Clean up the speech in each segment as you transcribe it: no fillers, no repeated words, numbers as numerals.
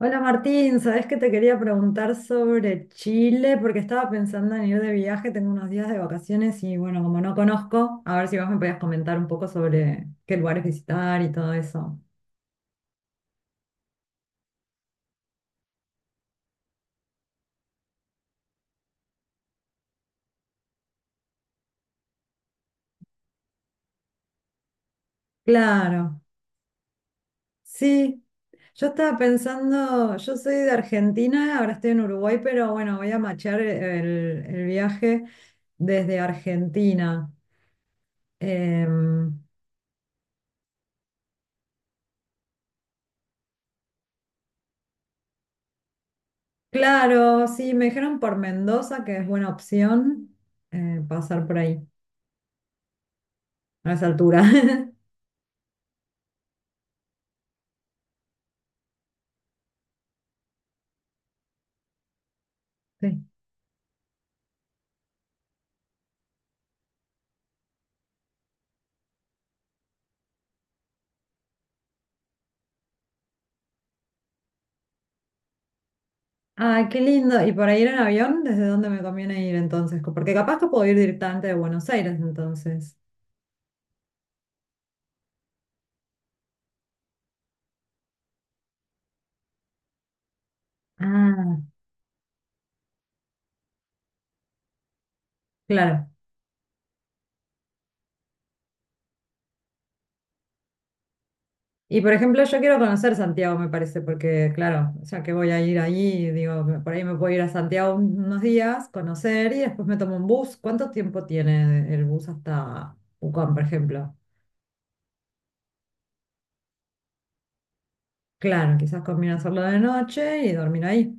Hola Martín, ¿sabes que te quería preguntar sobre Chile? Porque estaba pensando en ir de viaje, tengo unos días de vacaciones y bueno, como no conozco, a ver si vos me podías comentar un poco sobre qué lugares visitar y todo eso. Claro, sí. Yo estaba pensando, yo soy de Argentina, ahora estoy en Uruguay, pero bueno, voy a machear el viaje desde Argentina. Em, claro, sí, me dijeron por Mendoza que es buena opción pasar por ahí. A esa altura. Sí. Ay, qué lindo. ¿Y para ir en avión, desde dónde me conviene ir entonces? Porque capaz que puedo ir directamente de Buenos Aires entonces. Ah, claro. Y por ejemplo, yo quiero conocer Santiago, me parece, porque claro, o sea que voy a ir allí, digo, por ahí me puedo ir a Santiago unos días, conocer y después me tomo un bus. ¿Cuánto tiempo tiene el bus hasta Pucón, por ejemplo? Claro, quizás conviene hacerlo de noche y dormir ahí.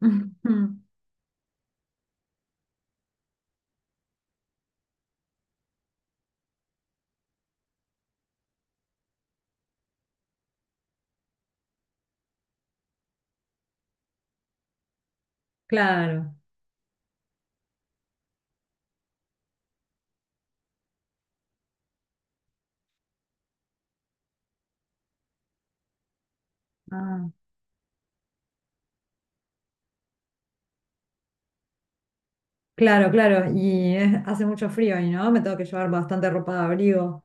Claro. Ah, claro, claro, y hace mucho frío ahí, ¿no? Me tengo que llevar bastante ropa de abrigo.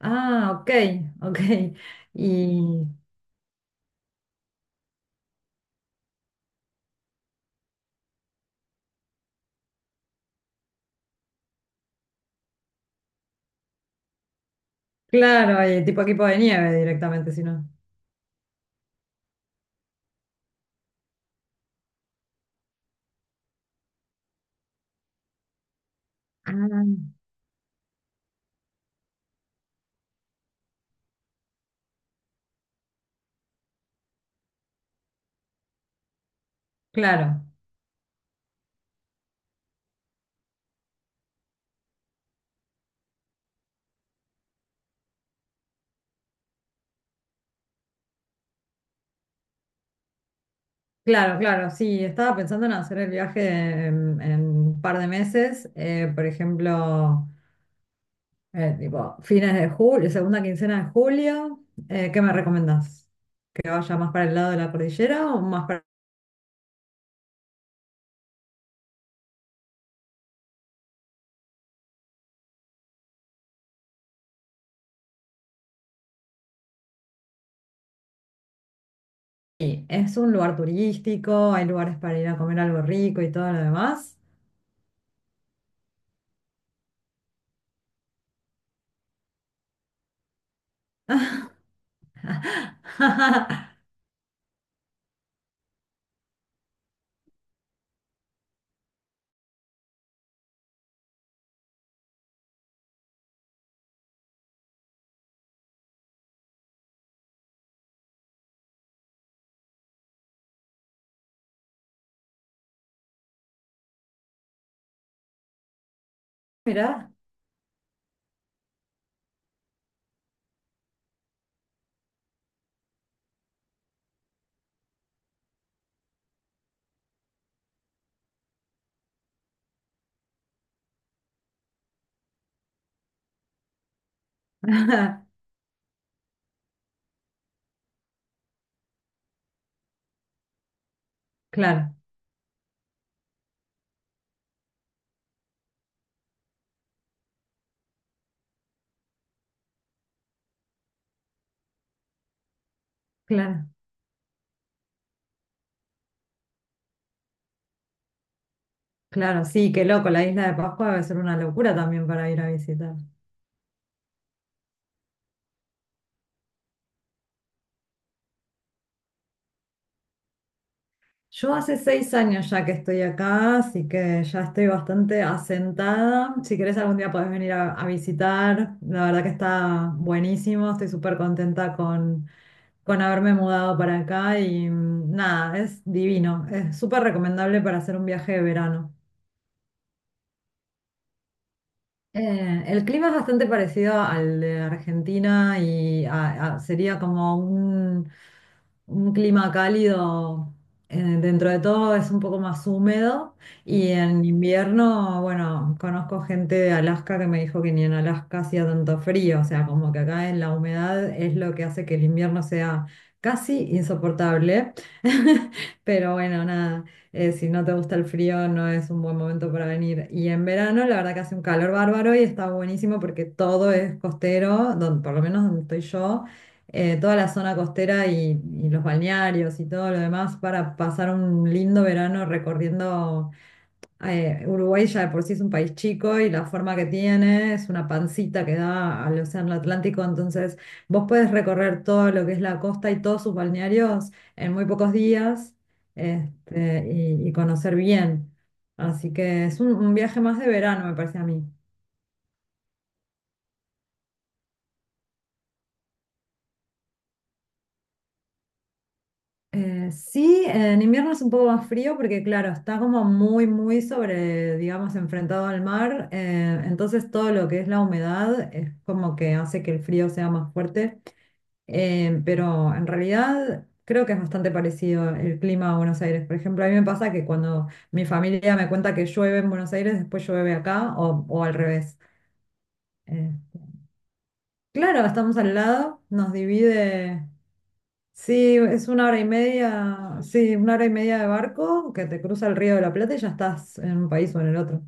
Ah, ok, ok. Y claro, y tipo equipo de nieve directamente, si no. Ah, claro, claro, claro. Sí, estaba pensando en hacer el viaje en un par de meses, por ejemplo, tipo fines de julio, segunda quincena de julio. ¿Qué me recomendás? ¿Que vaya más para el lado de la cordillera o más para… Sí, es un lugar turístico, hay lugares para ir a comer algo rico y todo lo demás. Mirá. Claro, claro, claro, sí, qué loco, la isla de Pascua debe ser una locura también para ir a visitar. Yo hace 6 años ya que estoy acá, así que ya estoy bastante asentada. Si querés algún día podés venir a visitar. La verdad que está buenísimo. Estoy súper contenta con haberme mudado para acá y nada, es divino. Es súper recomendable para hacer un viaje de verano. El clima es bastante parecido al de Argentina y sería como un clima cálido, dentro de todo es un poco más húmedo y en invierno, bueno, conozco gente de Alaska que me dijo que ni en Alaska hacía tanto frío, o sea, como que acá en la humedad es lo que hace que el invierno sea casi insoportable, pero bueno, nada, si no te gusta el frío no es un buen momento para venir. Y en verano, la verdad que hace un calor bárbaro y está buenísimo porque todo es costero, por lo menos donde estoy yo, toda la zona costera y los balnearios y todo lo demás para pasar un lindo verano recorriendo. Uruguay ya de por sí es un país chico y la forma que tiene es una pancita que da al Océano Atlántico, entonces vos podés recorrer todo lo que es la costa y todos sus balnearios en muy pocos días, este, y conocer bien. Así que es un viaje más de verano, me parece a mí. Sí, en invierno es un poco más frío porque, claro, está como muy, muy sobre, digamos, enfrentado al mar. Entonces todo lo que es la humedad es como que hace que el frío sea más fuerte. Pero en realidad creo que es bastante parecido el clima a Buenos Aires. Por ejemplo, a mí me pasa que cuando mi familia me cuenta que llueve en Buenos Aires, después llueve acá o al revés. Eh, claro, estamos al lado, nos divide. Sí, es una hora y media, sí, una hora y media de barco que te cruza el Río de la Plata y ya estás en un país o en el otro.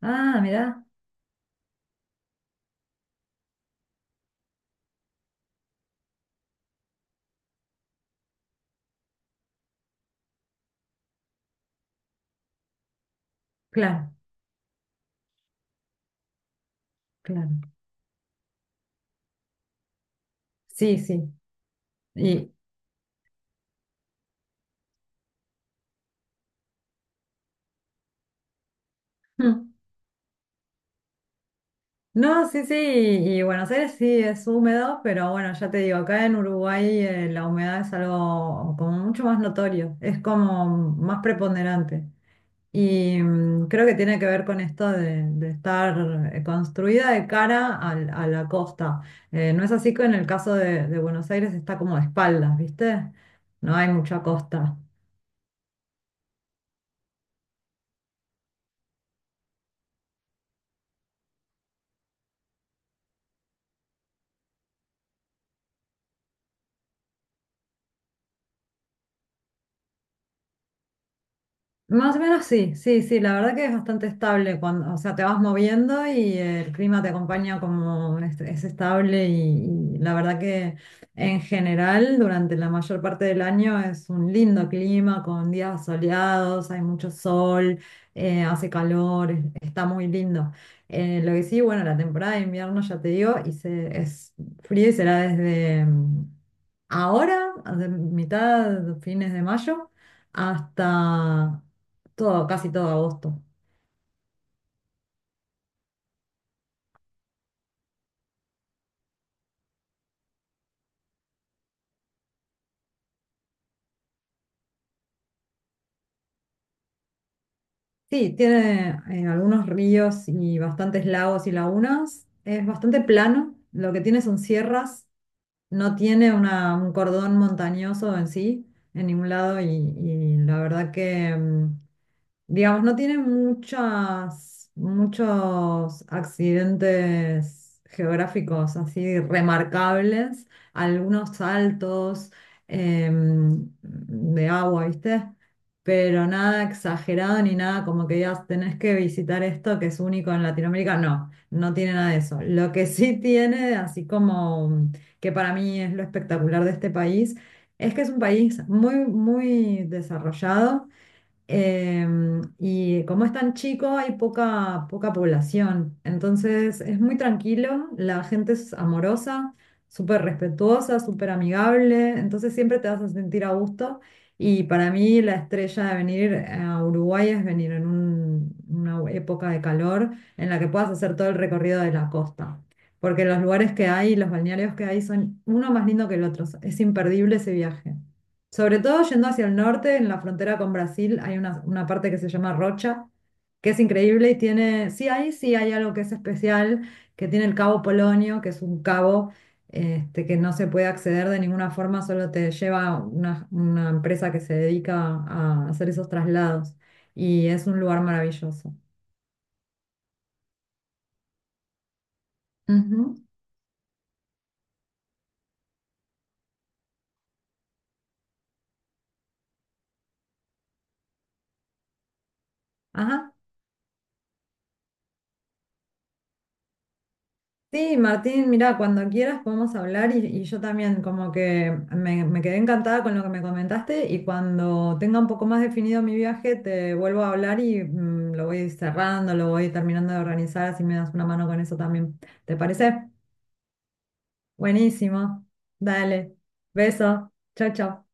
Ah, mirá, claro, claro. Sí, sí. Y mm. No, sí, sí, y Buenos Aires sí es húmedo, pero bueno, ya te digo, acá en Uruguay la humedad es algo como mucho más notorio, es como más preponderante. Y creo que tiene que ver con esto de estar construida de cara a la costa. No es así que en el caso de Buenos Aires está como de espaldas, ¿viste? No hay mucha costa. Más o menos sí, sí, sí, la verdad que es bastante estable cuando, o sea, te vas moviendo y el clima te acompaña como es estable y la verdad que en general durante la mayor parte del año es un lindo clima con días soleados, hay mucho sol, hace calor, está muy lindo. Lo que sí, bueno, la temporada de invierno ya te digo, y es frío y será desde ahora, de mitad, fines de mayo hasta todo, casi todo agosto. Sí, tiene algunos ríos y bastantes lagos y lagunas. Es bastante plano. Lo que tiene son sierras. No tiene un cordón montañoso en sí, en ningún lado. Y la verdad que digamos, no tiene muchas, muchos accidentes geográficos así remarcables, algunos saltos de agua, ¿viste? Pero nada exagerado ni nada como que digas, tenés que visitar esto que es único en Latinoamérica. No, no tiene nada de eso. Lo que sí tiene, así como que para mí es lo espectacular de este país, es que es un país muy, muy desarrollado. Y como es tan chico, hay poca, poca población. Entonces es muy tranquilo, la gente es amorosa, súper respetuosa, súper amigable. Entonces siempre te vas a sentir a gusto. Y para mí la estrella de venir a Uruguay es venir en una época de calor en la que puedas hacer todo el recorrido de la costa. Porque los lugares que hay, los balnearios que hay son uno más lindo que el otro. Es imperdible ese viaje. Sobre todo yendo hacia el norte, en la frontera con Brasil, hay una parte que se llama Rocha, que es increíble y tiene, sí, ahí sí hay algo que es especial, que tiene el Cabo Polonio, que es un cabo, este, que no se puede acceder de ninguna forma, solo te lleva una empresa que se dedica a hacer esos traslados. Y es un lugar maravilloso. Ujú. Ajá. Sí, Martín, mira, cuando quieras podemos hablar y yo también como que me quedé encantada con lo que me comentaste y cuando tenga un poco más definido mi viaje te vuelvo a hablar y, mm, lo voy cerrando, lo voy terminando de organizar, así me das una mano con eso también. ¿Te parece? Buenísimo. Dale. Beso. Chao, chao.